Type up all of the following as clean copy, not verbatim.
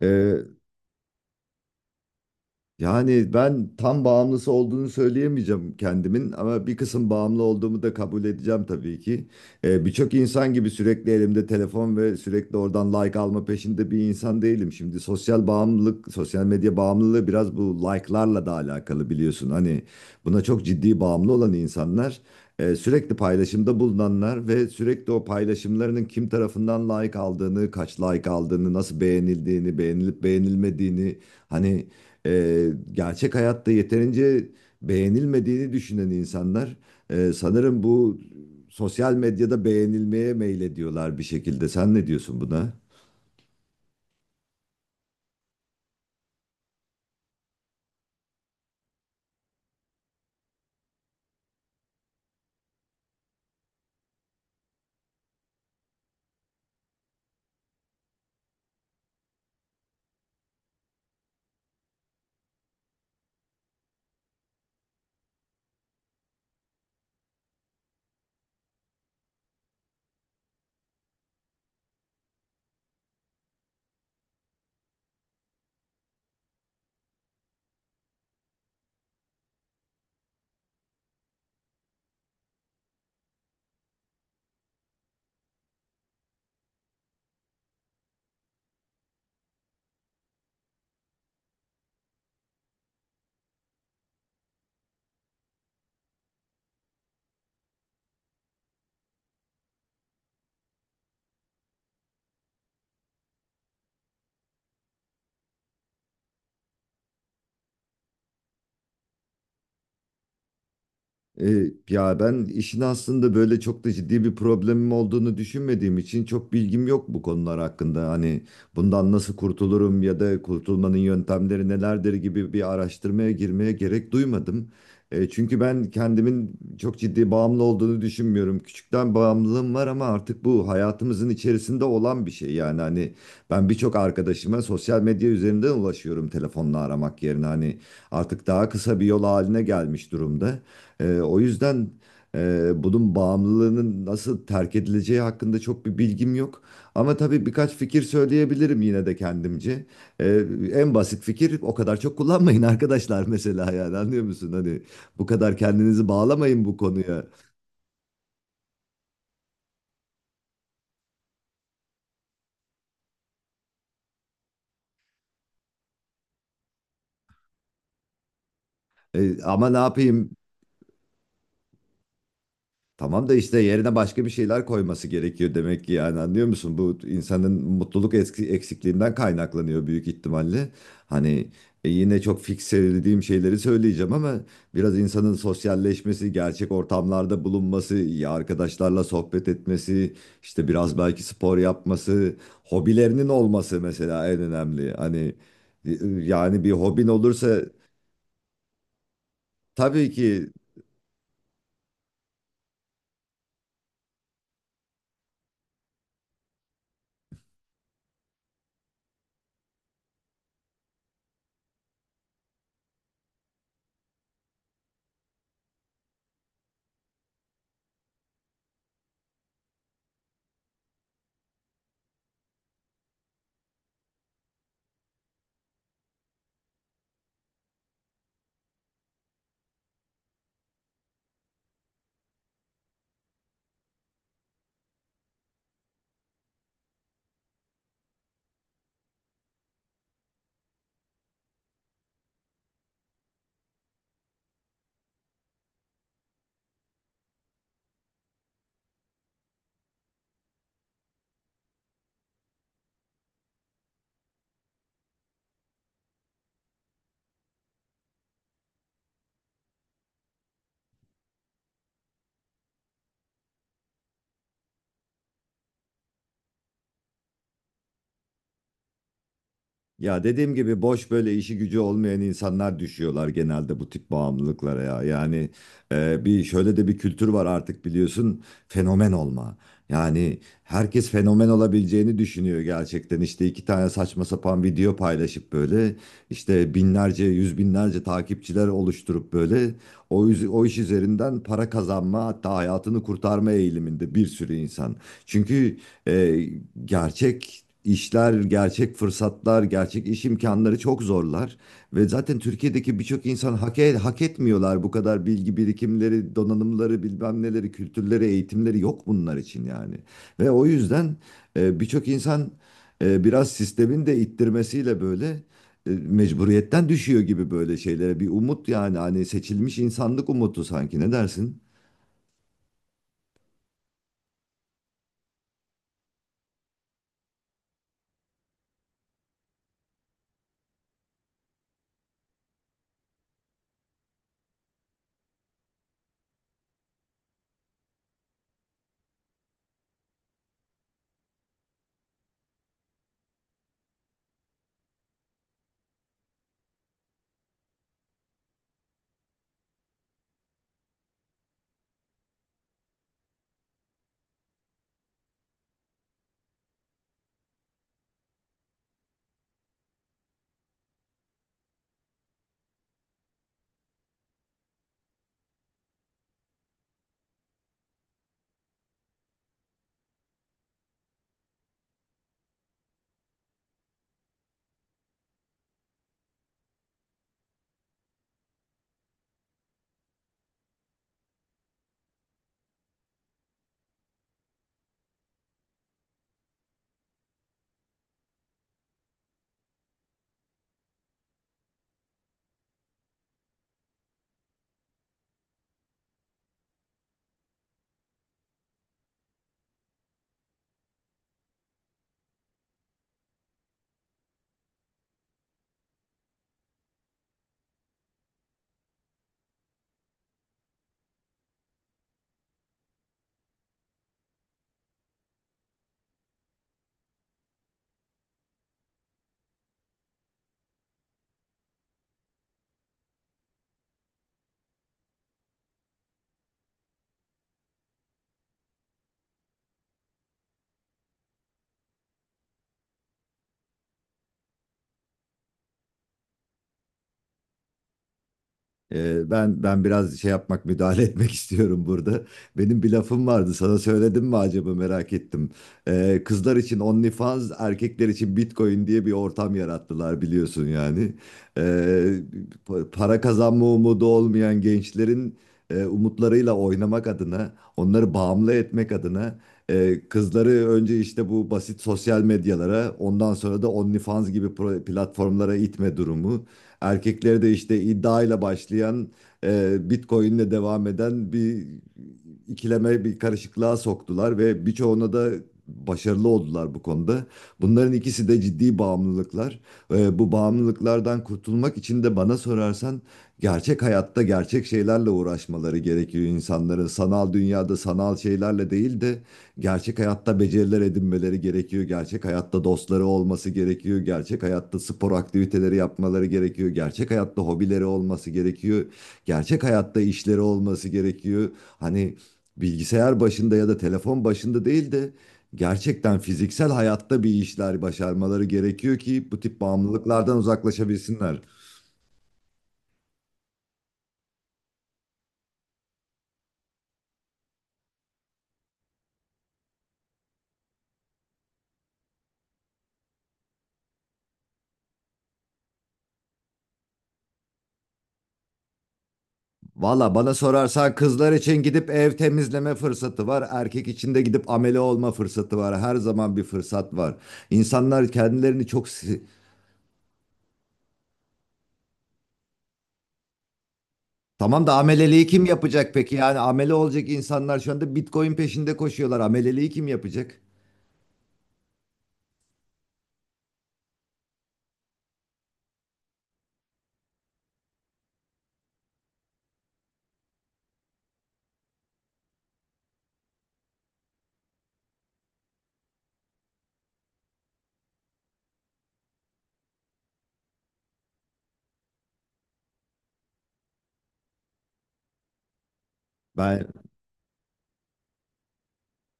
Ee, yani ben tam bağımlısı olduğunu söyleyemeyeceğim kendimin ama bir kısım bağımlı olduğumu da kabul edeceğim tabii ki. Birçok insan gibi sürekli elimde telefon ve sürekli oradan like alma peşinde bir insan değilim. Şimdi sosyal bağımlılık, sosyal medya bağımlılığı biraz bu like'larla da alakalı biliyorsun. Hani buna çok ciddi bağımlı olan insanlar, sürekli paylaşımda bulunanlar ve sürekli o paylaşımlarının kim tarafından like aldığını, kaç like aldığını, nasıl beğenildiğini, beğenilip beğenilmediğini. Hani gerçek hayatta yeterince beğenilmediğini düşünen insanlar, sanırım bu sosyal medyada beğenilmeye meylediyorlar bir şekilde. Sen ne diyorsun buna? E, ya ben işin aslında böyle çok da ciddi bir problemim olduğunu düşünmediğim için çok bilgim yok bu konular hakkında. Hani bundan nasıl kurtulurum ya da kurtulmanın yöntemleri nelerdir gibi bir araştırmaya girmeye gerek duymadım. Çünkü ben kendimin çok ciddi bağımlı olduğunu düşünmüyorum. Küçükten bağımlılığım var ama artık bu hayatımızın içerisinde olan bir şey. Yani hani ben birçok arkadaşıma sosyal medya üzerinden ulaşıyorum telefonla aramak yerine. Hani artık daha kısa bir yol haline gelmiş durumda. O yüzden bunun bağımlılığının nasıl terk edileceği hakkında çok bir bilgim yok. Ama tabii birkaç fikir söyleyebilirim yine de kendimce. Ee, en basit fikir o kadar çok kullanmayın arkadaşlar mesela yani anlıyor musun? Hani bu kadar kendinizi bağlamayın bu konuya. Ama ne yapayım? Tamam da işte yerine başka bir şeyler koyması gerekiyor demek ki yani anlıyor musun? Bu insanın mutluluk eksikliğinden kaynaklanıyor büyük ihtimalle. Hani yine çok fikselediğim şeyleri söyleyeceğim ama biraz insanın sosyalleşmesi, gerçek ortamlarda bulunması, ya arkadaşlarla sohbet etmesi, işte biraz belki spor yapması, hobilerinin olması mesela en önemli. Hani yani bir hobin olursa. Tabii ki. Ya dediğim gibi boş böyle işi gücü olmayan insanlar düşüyorlar genelde bu tip bağımlılıklara ya. Yani bir şöyle de bir kültür var artık biliyorsun, fenomen olma. Yani herkes fenomen olabileceğini düşünüyor gerçekten. İşte iki tane saçma sapan video paylaşıp böyle işte binlerce yüz binlerce takipçiler oluşturup böyle o iş üzerinden para kazanma hatta hayatını kurtarma eğiliminde bir sürü insan. Çünkü e, gerçek İşler gerçek fırsatlar, gerçek iş imkanları çok zorlar. Ve zaten Türkiye'deki birçok insan hak etmiyorlar, bu kadar bilgi birikimleri, donanımları, bilmem neleri, kültürleri, eğitimleri yok bunlar için yani. Ve o yüzden birçok insan biraz sistemin de ittirmesiyle böyle mecburiyetten düşüyor gibi böyle şeylere. Bir umut yani, hani seçilmiş insanlık umutu sanki, ne dersin? Ben biraz şey yapmak, müdahale etmek istiyorum burada. Benim bir lafım vardı, sana söyledim mi acaba, merak ettim. Kızlar için OnlyFans, erkekler için Bitcoin diye bir ortam yarattılar biliyorsun yani. Ee, para kazanma umudu olmayan gençlerin umutlarıyla oynamak adına, onları bağımlı etmek adına, kızları önce işte bu basit sosyal medyalara ondan sonra da OnlyFans gibi platformlara itme durumu. Erkeklere de işte iddiayla başlayan, Bitcoin'le devam eden bir ikileme, bir karışıklığa soktular ve birçoğuna da başarılı oldular bu konuda. Bunların ikisi de ciddi bağımlılıklar. Bu bağımlılıklardan kurtulmak için de bana sorarsan gerçek hayatta gerçek şeylerle uğraşmaları gerekiyor insanların. Sanal dünyada sanal şeylerle değil de gerçek hayatta beceriler edinmeleri gerekiyor. Gerçek hayatta dostları olması gerekiyor. Gerçek hayatta spor aktiviteleri yapmaları gerekiyor. Gerçek hayatta hobileri olması gerekiyor. Gerçek hayatta işleri olması gerekiyor. Hani bilgisayar başında ya da telefon başında değil de gerçekten fiziksel hayatta bir işler başarmaları gerekiyor ki bu tip bağımlılıklardan uzaklaşabilsinler. Valla bana sorarsan kızlar için gidip ev temizleme fırsatı var. Erkek için de gidip amele olma fırsatı var. Her zaman bir fırsat var. İnsanlar kendilerini çok... si- Tamam da ameleliği kim yapacak peki? Yani amele olacak insanlar şu anda Bitcoin peşinde koşuyorlar. Ameleliği kim yapacak? Ben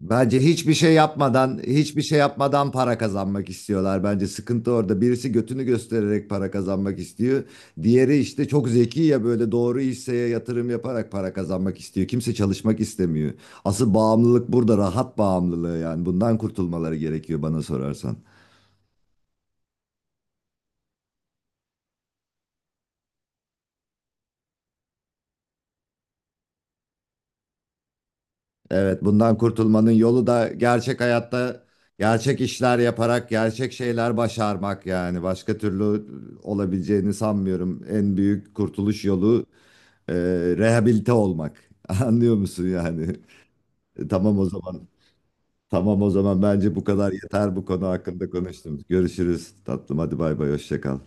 Bence hiçbir şey yapmadan, hiçbir şey yapmadan para kazanmak istiyorlar. Bence sıkıntı orada. Birisi götünü göstererek para kazanmak istiyor. Diğeri işte çok zeki ya böyle doğru hisseye yatırım yaparak para kazanmak istiyor. Kimse çalışmak istemiyor. Asıl bağımlılık burada, rahat bağımlılığı yani. Bundan kurtulmaları gerekiyor bana sorarsan. Evet, bundan kurtulmanın yolu da gerçek hayatta gerçek işler yaparak gerçek şeyler başarmak yani. Başka türlü olabileceğini sanmıyorum. En büyük kurtuluş yolu e, rehabilite olmak. Anlıyor musun yani? Tamam o zaman. Tamam o zaman bence bu kadar yeter, bu konu hakkında konuştum. Görüşürüz tatlım. Hadi bay bay, hoşça kal.